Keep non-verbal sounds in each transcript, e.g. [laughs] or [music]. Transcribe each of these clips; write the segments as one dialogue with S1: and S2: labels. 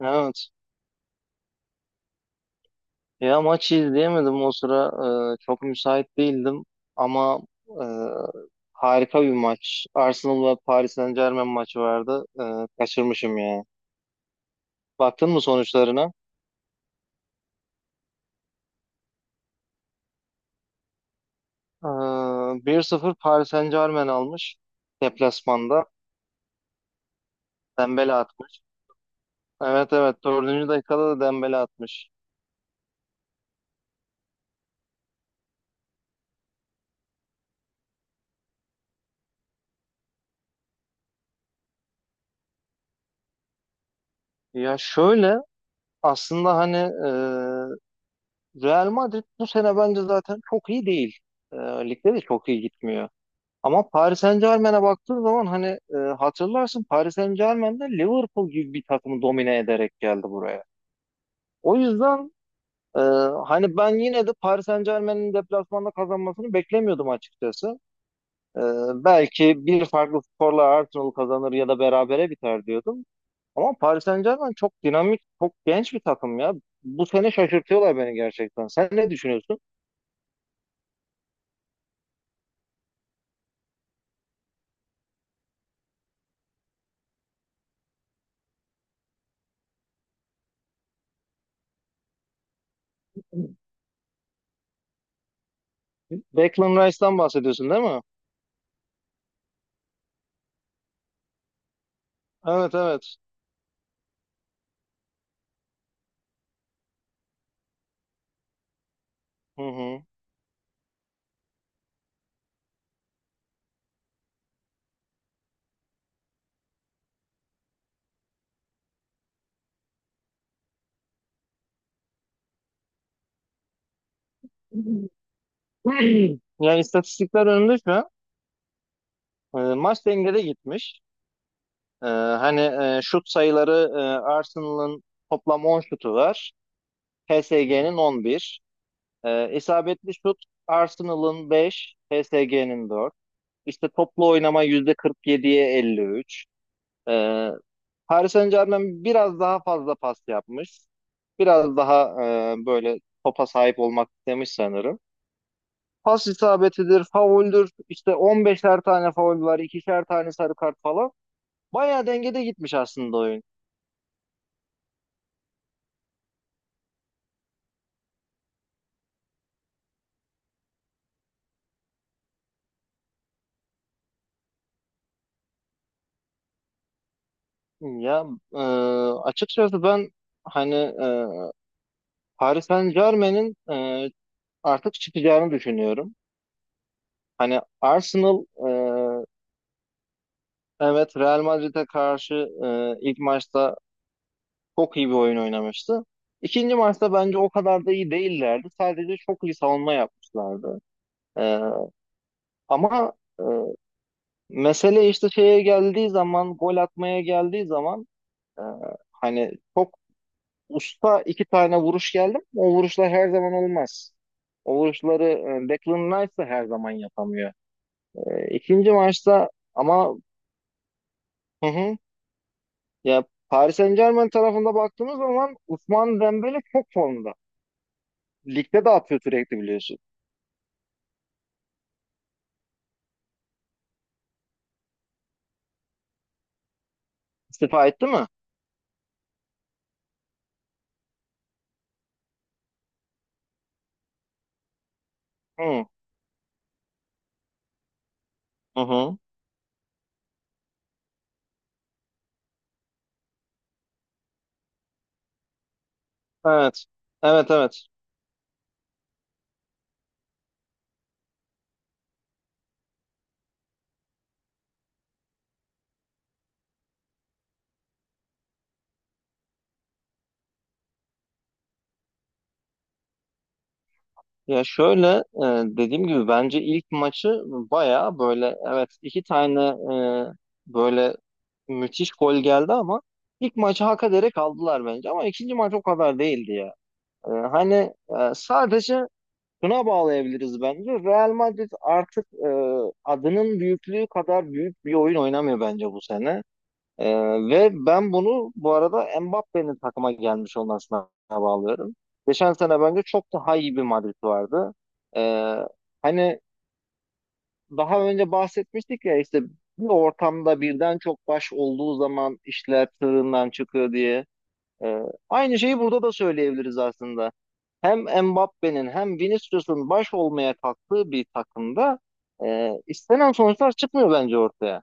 S1: Evet. Ya maçı izleyemedim o sıra. Çok müsait değildim. Ama e, harika bir maç. Arsenal ve Paris Saint-Germain maçı vardı. Kaçırmışım ya. Baktın mı sonuçlarına? Ee, 1-0 Paris Saint-Germain almış. Deplasmanda. Dembele atmış. Evet, evet. Dördüncü dakikada da Dembele atmış. Ya şöyle, aslında hani Real Madrid bu sene bence zaten çok iyi değil. E, Ligde de çok iyi gitmiyor. Ama Paris Saint-Germain'e baktığın zaman hani hatırlarsın, Paris saint germainde Liverpool gibi bir takımı domine ederek geldi buraya. O yüzden e, hani ben yine de Paris Saint-Germain'in deplasmanda kazanmasını beklemiyordum açıkçası. E, Belki bir farklı skorla Arsenal kazanır ya da berabere biter diyordum. Ama Paris Saint-Germain çok dinamik, çok genç bir takım ya. Bu sene şaşırtıyorlar beni gerçekten. Sen ne düşünüyorsun? Declan Rice'dan bahsediyorsun değil mi? Evet, evet. Hı hı. [clears throat] Yani istatistikler önünde şu an. Maç dengede gitmiş. E, hani Şut sayıları, Arsenal'ın toplam 10 şutu var. PSG'nin 11. İsabetli şut Arsenal'ın 5, PSG'nin 4. İşte toplu oynama %47'ye 53. E, Paris Saint-Germain biraz daha fazla pas yapmış. Biraz daha e, böyle topa sahip olmak istemiş sanırım. Pas isabetidir, fauldür, işte 15'er tane faul var, ikişer tane sarı kart falan. Bayağı dengede gitmiş aslında oyun. Ya e, Açıkçası ben, hani Paris Saint-Germain'in artık çıkacağını düşünüyorum. Hani Arsenal, evet, Real Madrid'e karşı ilk maçta çok iyi bir oyun oynamıştı. İkinci maçta bence o kadar da iyi değillerdi. Sadece çok iyi savunma yapmışlardı. E, ama e, Mesele işte şeye geldiği zaman, gol atmaya geldiği zaman, e, hani çok usta iki tane vuruş geldi ama o vuruşlar her zaman olmaz. O vuruşları Declan Rice de her zaman yapamıyor. İkinci maçta ama hı hı, ya Paris Saint-Germain tarafında baktığımız zaman Ousmane Dembele çok formda. Ligde de atıyor sürekli biliyorsun. İstifa etti mi? Hı hı. Hı. Evet. Evet, evet. Ya şöyle, dediğim gibi bence ilk maçı baya böyle, evet, iki tane e, böyle müthiş gol geldi ama ilk maçı hak ederek aldılar bence, ama ikinci maç o kadar değildi ya. E, hani Sadece şuna bağlayabiliriz bence, Real Madrid artık adının büyüklüğü kadar büyük bir oyun oynamıyor bence bu sene. Ee, Ve ben bunu bu arada Mbappe'nin takıma gelmiş olmasına bağlıyorum. Geçen sene bence çok daha iyi bir Madrid vardı. Ee, hani daha önce bahsetmiştik ya işte, bir ortamda birden çok baş olduğu zaman işler tırından çıkıyor diye. Ee, Aynı şeyi burada da söyleyebiliriz aslında. Hem Mbappe'nin hem Vinicius'un baş olmaya kalktığı bir takımda istenen sonuçlar çıkmıyor bence ortaya.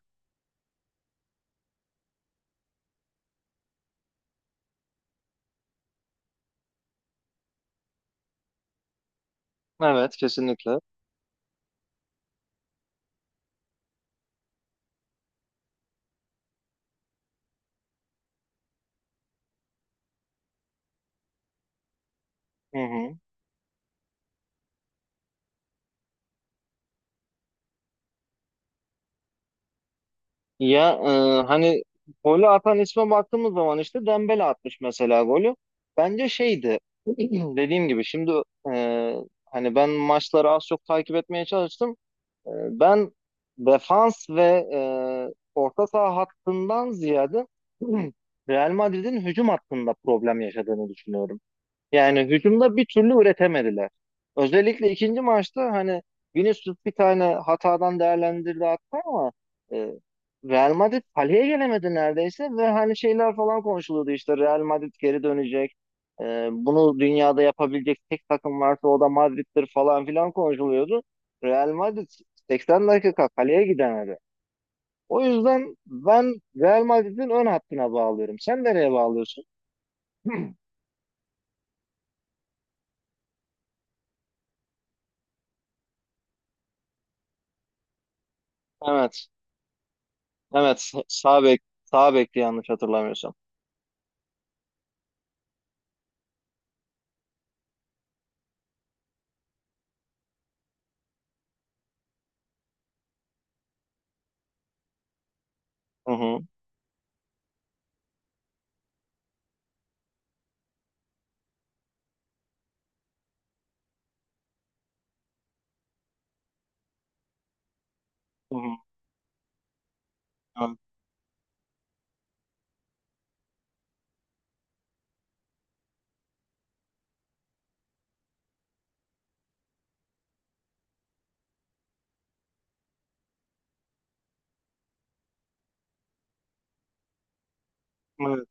S1: Evet, kesinlikle. Hı hı. Ya hani golü atan isme baktığımız zaman işte Dembele atmış mesela golü. Bence şeydi. [clears throat] Dediğim gibi şimdi, e, hani ben maçları az çok takip etmeye çalıştım. E, Ben defans ve e, orta saha hattından ziyade [clears throat] Real Madrid'in hücum hattında problem yaşadığını düşünüyorum. Yani hücumda bir türlü üretemediler. Özellikle ikinci maçta hani Vinicius bir tane hatadan değerlendirdi hatta, ama e, Real Madrid kaleye gelemedi neredeyse ve hani şeyler falan konuşuluyordu işte, Real Madrid geri dönecek. Bunu dünyada yapabilecek tek takım varsa o da Madrid'dir falan filan konuşuluyordu. Real Madrid 80 dakika kaleye gidemedi. O yüzden ben Real Madrid'in ön hattına bağlıyorum. Sen nereye bağlıyorsun? [clears throat] Evet. Evet, sağ bekti yanlış hatırlamıyorsam. Hı hı. Hı hı. Evet, evet,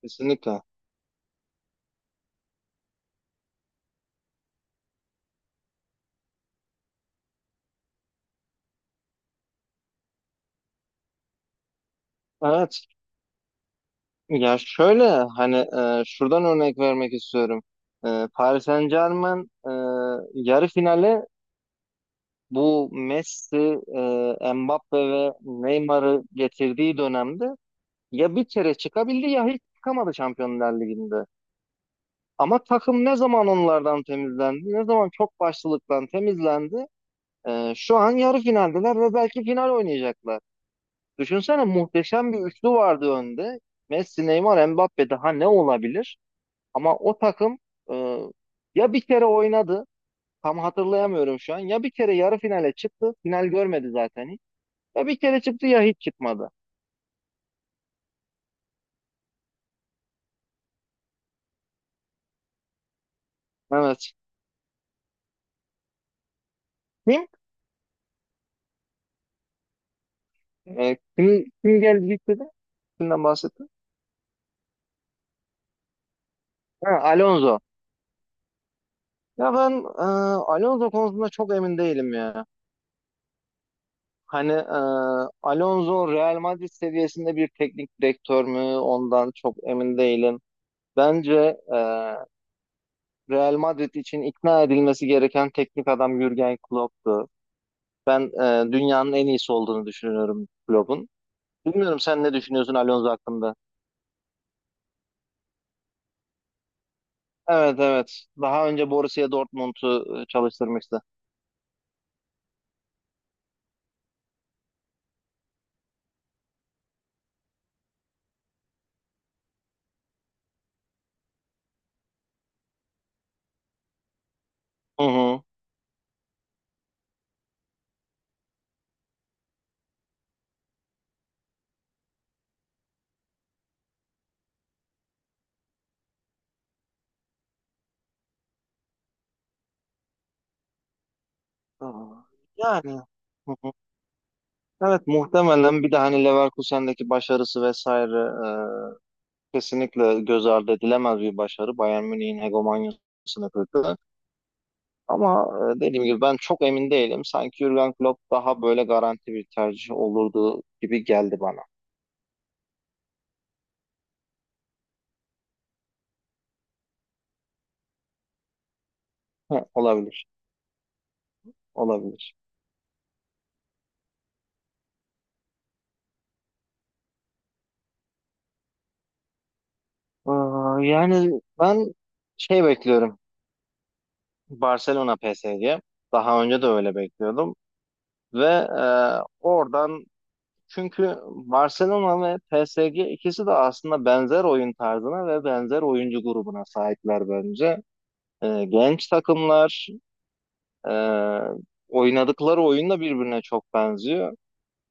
S1: kesinlikle. Evet. Ya şöyle, hani şuradan örnek vermek istiyorum. Paris Saint-Germain yarı finale bu Messi, Mbappe ve Neymar'ı getirdiği dönemde ya bir kere çıkabildi ya hiç çıkamadı Şampiyonlar Ligi'nde. Ama takım ne zaman onlardan temizlendi, ne zaman çok başlılıktan temizlendi, şu an yarı finaldeler ve belki final oynayacaklar. Düşünsene, muhteşem bir üçlü vardı önde. Messi, Neymar, Mbappe, daha ne olabilir? Ama o takım, e, ya bir kere oynadı, tam hatırlayamıyorum şu an. Ya bir kere yarı finale çıktı, final görmedi zaten hiç. Ya bir kere çıktı ya hiç çıkmadı. Evet. Kim? E, kim geldi gitti de? Kimden bahsettin? Ha, Alonso. Ya ben e, Alonso konusunda çok emin değilim ya. Hani Alonso Real Madrid seviyesinde bir teknik direktör mü? Ondan çok emin değilim. Bence e, Real Madrid için ikna edilmesi gereken teknik adam Jürgen Klopp'tu. Ben dünyanın en iyisi olduğunu düşünüyorum Klopp'un. Bilmiyorum, sen ne düşünüyorsun Alonso hakkında? Evet, evet. Daha önce Borussia Dortmund'u çalıştırmıştı. Hı hı. Aa, yani. Hı hı. Evet, muhtemelen bir de hani Leverkusen'deki başarısı vesaire, kesinlikle göz ardı edilemez bir başarı. Bayern Münih'in hegemonyasını kırdı. Ama dediğim gibi ben çok emin değilim. Sanki Jürgen Klopp daha böyle garanti bir tercih olurdu gibi geldi bana. He, olabilir, olabilir. Ee, Yani ben şey bekliyorum. Barcelona PSG'ye. Daha önce de öyle bekliyordum. Ve oradan, çünkü Barcelona ve PSG ikisi de aslında benzer oyun tarzına ve benzer oyuncu grubuna sahipler bence. Genç takımlar, e, oynadıkları oyun da birbirine çok benziyor.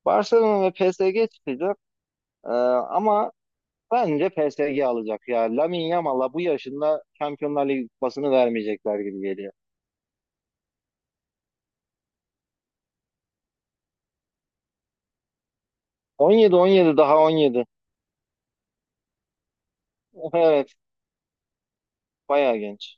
S1: Barcelona ve PSG çıkacak. E, ama bence PSG alacak. Ya Lamine Yamal'a bu yaşında Şampiyonlar Ligi kupasını vermeyecekler gibi geliyor. 17-17 daha 17. [laughs] Evet, bayağı genç.